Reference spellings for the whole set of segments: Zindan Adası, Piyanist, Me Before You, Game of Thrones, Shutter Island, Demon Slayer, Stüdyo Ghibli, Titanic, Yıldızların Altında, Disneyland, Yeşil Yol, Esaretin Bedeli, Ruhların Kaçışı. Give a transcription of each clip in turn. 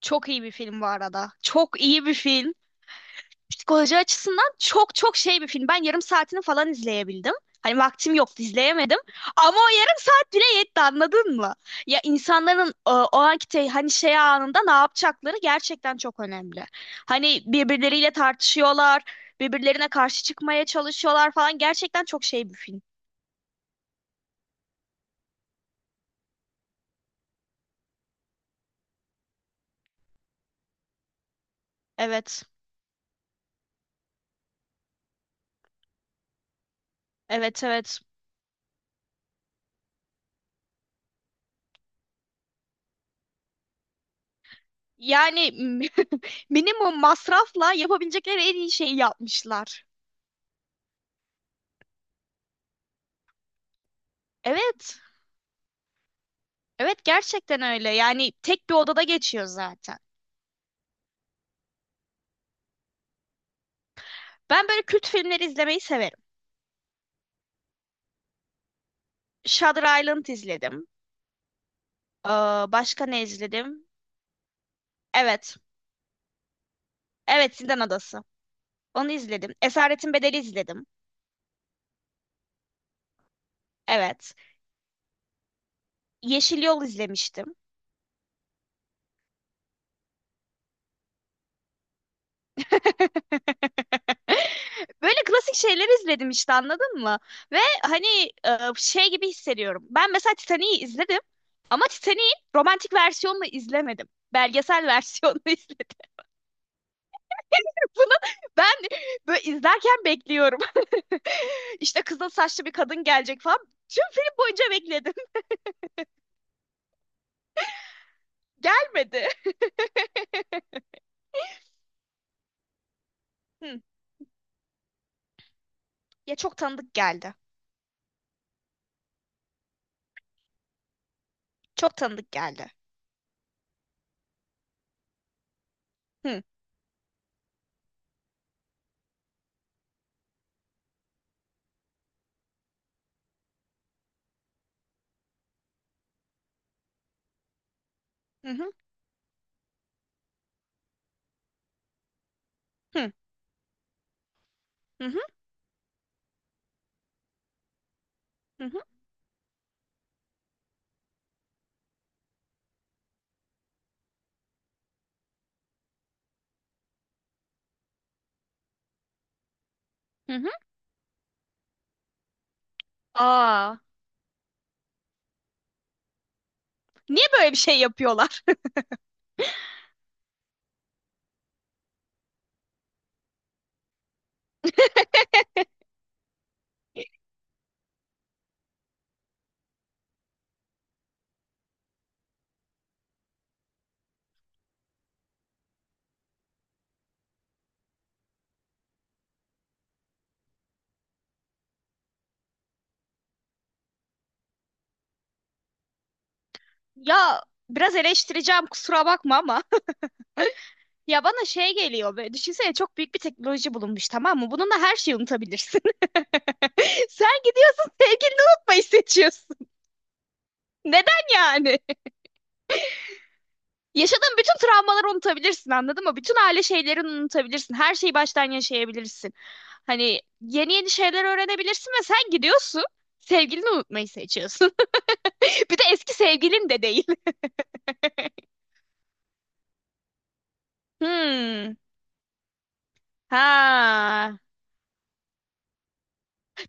Çok iyi bir film bu arada. Çok iyi bir film. Psikoloji açısından çok çok şey bir film. Ben yarım saatini falan izleyebildim. Hani vaktim yoktu izleyemedim. Ama o yarım saat bile yetti anladın mı? Ya insanların o anki hani şey anında ne yapacakları gerçekten çok önemli. Hani birbirleriyle tartışıyorlar, birbirlerine karşı çıkmaya çalışıyorlar falan. Gerçekten çok şey bir film. Evet. Evet, evet. Yani minimum masrafla yapabilecekleri en iyi şeyi yapmışlar. Evet. Evet, gerçekten öyle. Yani tek bir odada geçiyor zaten. Ben böyle kült filmleri izlemeyi severim. Shutter Island izledim. Ee, başka ne izledim? Evet. Evet, Zindan Adası. Onu izledim. Esaretin Bedeli izledim. Evet. Yeşil Yol izlemiştim. Böyle klasik şeyler izledim işte anladın mı? Ve hani şey gibi hissediyorum. Ben mesela Titanic'i izledim ama Titanic'in romantik versiyonunu izlemedim. Belgesel versiyonunu izledim. Bunu Ben böyle izlerken bekliyorum. İşte kızıl saçlı bir kadın gelecek falan. Tüm film boyunca bekledim. Gelmedi. Hı. Ya çok tanıdık geldi. Çok tanıdık geldi. Hı. Hı hı. Hı hı. Hı hı. Hı hı. Hı. Aa, niye böyle bir şey yapıyorlar? Ya biraz eleştireceğim, kusura bakma ama. Ya bana şey geliyor, böyle düşünsene çok büyük bir teknoloji bulunmuş, tamam mı? Bununla her şeyi unutabilirsin. Sen gidiyorsun, sevgilini unutmayı seçiyorsun. Neden yani? Yaşadığın bütün travmaları unutabilirsin anladın mı? Bütün aile şeylerini unutabilirsin. Her şeyi baştan yaşayabilirsin. Hani yeni yeni şeyler öğrenebilirsin ve sen gidiyorsun. Sevgilini unutmayı seçiyorsun. Bir de eski sevgilin de değil. Hmm. Ha.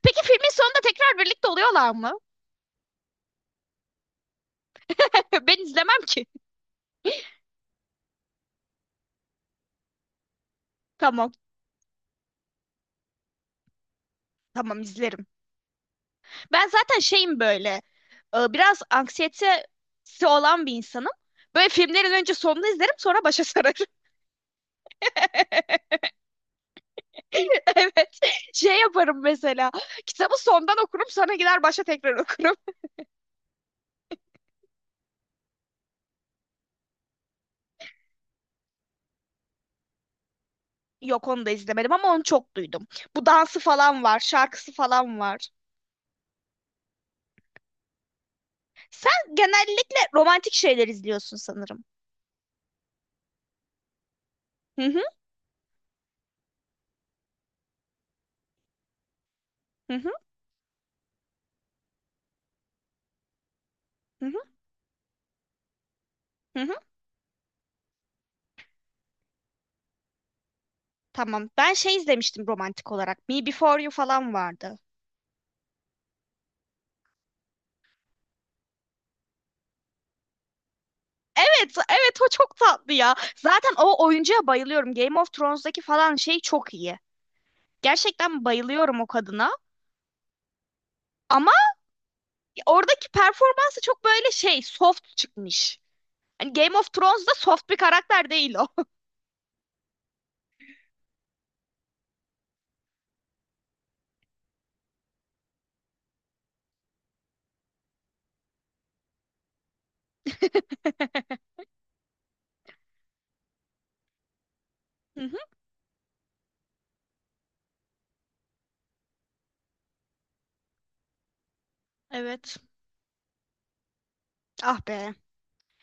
Peki filmin sonunda tekrar birlikte oluyorlar mı? Ben izlemem ki. Tamam. Tamam, izlerim. Ben zaten şeyim böyle. Biraz anksiyetesi olan bir insanım. Böyle filmlerin önce sonunu izlerim, sonra başa sararım. Evet. Şey yaparım mesela. Kitabı sondan okurum, sonra gider başa tekrar okurum. Yok, onu da izlemedim ama onu çok duydum. Bu dansı falan var, şarkısı falan var. Sen genellikle romantik şeyler izliyorsun sanırım. Hı hı, hı hı, hı hı, hı. Tamam. Ben şey izlemiştim romantik olarak. Me Before You falan vardı. Evet, evet o çok tatlı ya. Zaten o oyuncuya bayılıyorum. Game of Thrones'daki falan şey çok iyi. Gerçekten bayılıyorum o kadına. Ama oradaki performansı çok böyle şey soft çıkmış. Hani Game of Thrones'da soft bir karakter değil o. Hı hı. Evet. Ah be.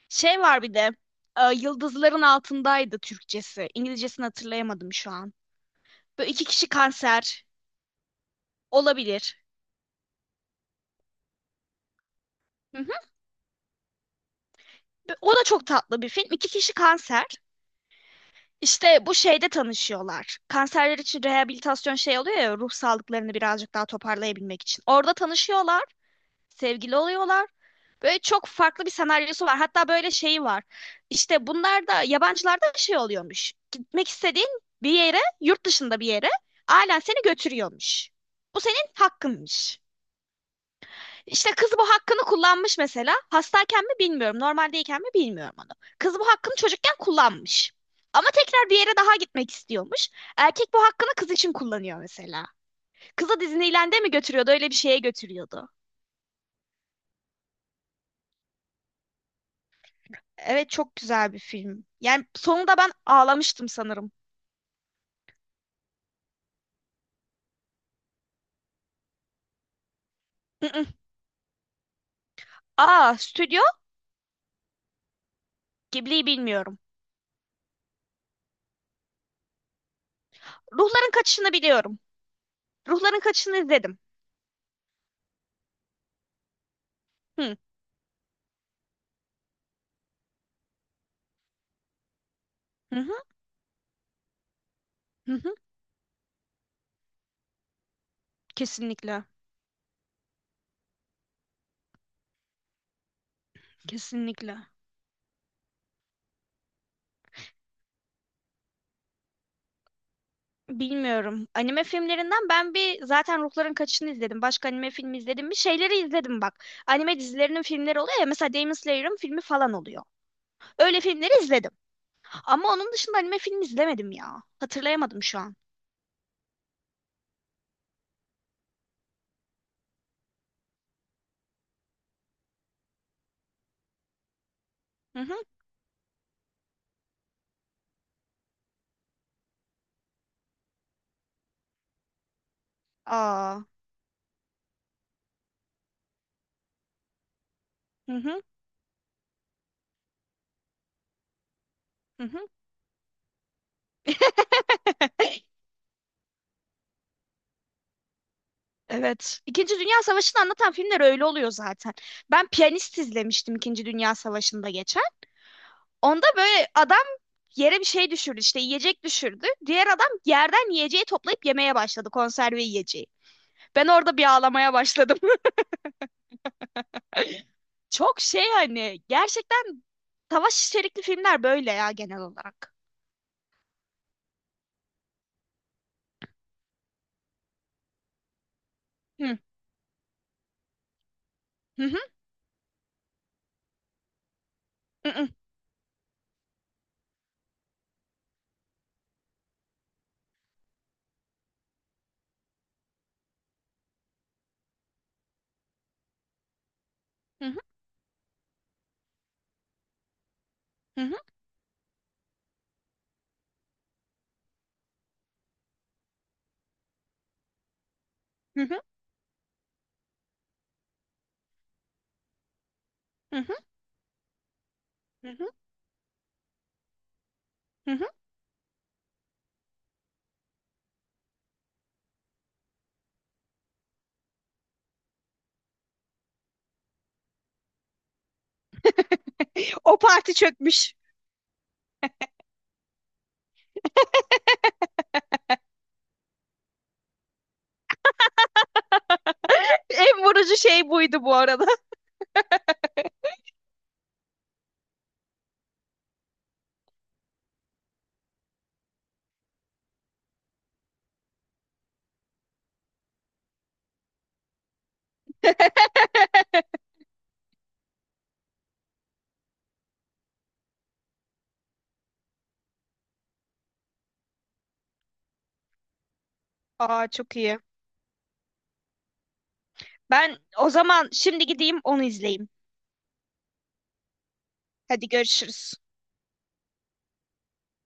Şey var bir de. Yıldızların altındaydı Türkçesi. İngilizcesini hatırlayamadım şu an. Böyle iki kişi kanser olabilir. Hı hı. Ve o da çok tatlı bir film. İki kişi kanser. İşte bu şeyde tanışıyorlar. Kanserler için rehabilitasyon şey oluyor ya, ruh sağlıklarını birazcık daha toparlayabilmek için. Orada tanışıyorlar, sevgili oluyorlar. Böyle çok farklı bir senaryosu var. Hatta böyle şeyi var. İşte bunlar da yabancılarda şey oluyormuş. Gitmek istediğin bir yere, yurt dışında bir yere ailen seni götürüyormuş. Bu senin hakkınmış. İşte kız bu hakkını kullanmış mesela. Hastayken mi bilmiyorum, normaldeyken mi bilmiyorum onu. Kız bu hakkını çocukken kullanmış. Ama tekrar bir yere daha gitmek istiyormuş. Erkek bu hakkını kız için kullanıyor mesela. Kızı Disneyland'e mi götürüyordu, öyle bir şeye götürüyordu. Evet, çok güzel bir film. Yani sonunda ben ağlamıştım sanırım. Mm-mm. Aa, Stüdyo Ghibli'yi bilmiyorum. Ruhların Kaçışı'nı biliyorum. Ruhların Kaçışı'nı izledim. Hı. Hı hı. Hı hı. Kesinlikle. Kesinlikle. Bilmiyorum. Anime filmlerinden ben bir zaten Ruhların Kaçışı'nı izledim. Başka anime filmi izledim mi? Şeyleri izledim bak. Anime dizilerinin filmleri oluyor ya. Mesela Demon Slayer'ın filmi falan oluyor. Öyle filmleri izledim. Ama onun dışında anime filmi izlemedim ya. Hatırlayamadım şu an. Hı hı. Aa. Hı hı. Hı hı. Evet. İkinci Dünya Savaşı'nı anlatan filmler öyle oluyor zaten. Ben Piyanist izlemiştim, İkinci Dünya Savaşı'nda geçen. Onda böyle adam yere bir şey düşürdü, işte yiyecek düşürdü. Diğer adam yerden yiyeceği toplayıp yemeye başladı, konserve yiyeceği. Ben orada bir ağlamaya başladım. Çok şey, hani gerçekten savaş içerikli filmler böyle ya genel olarak. Hı hı, hı hı, hı hı, hı hı, hı hı, hı hı, hı hı. O parti çökmüş. En vurucu şey buydu bu arada. Aa, çok iyi. Ben o zaman şimdi gideyim onu izleyeyim. Hadi, görüşürüz.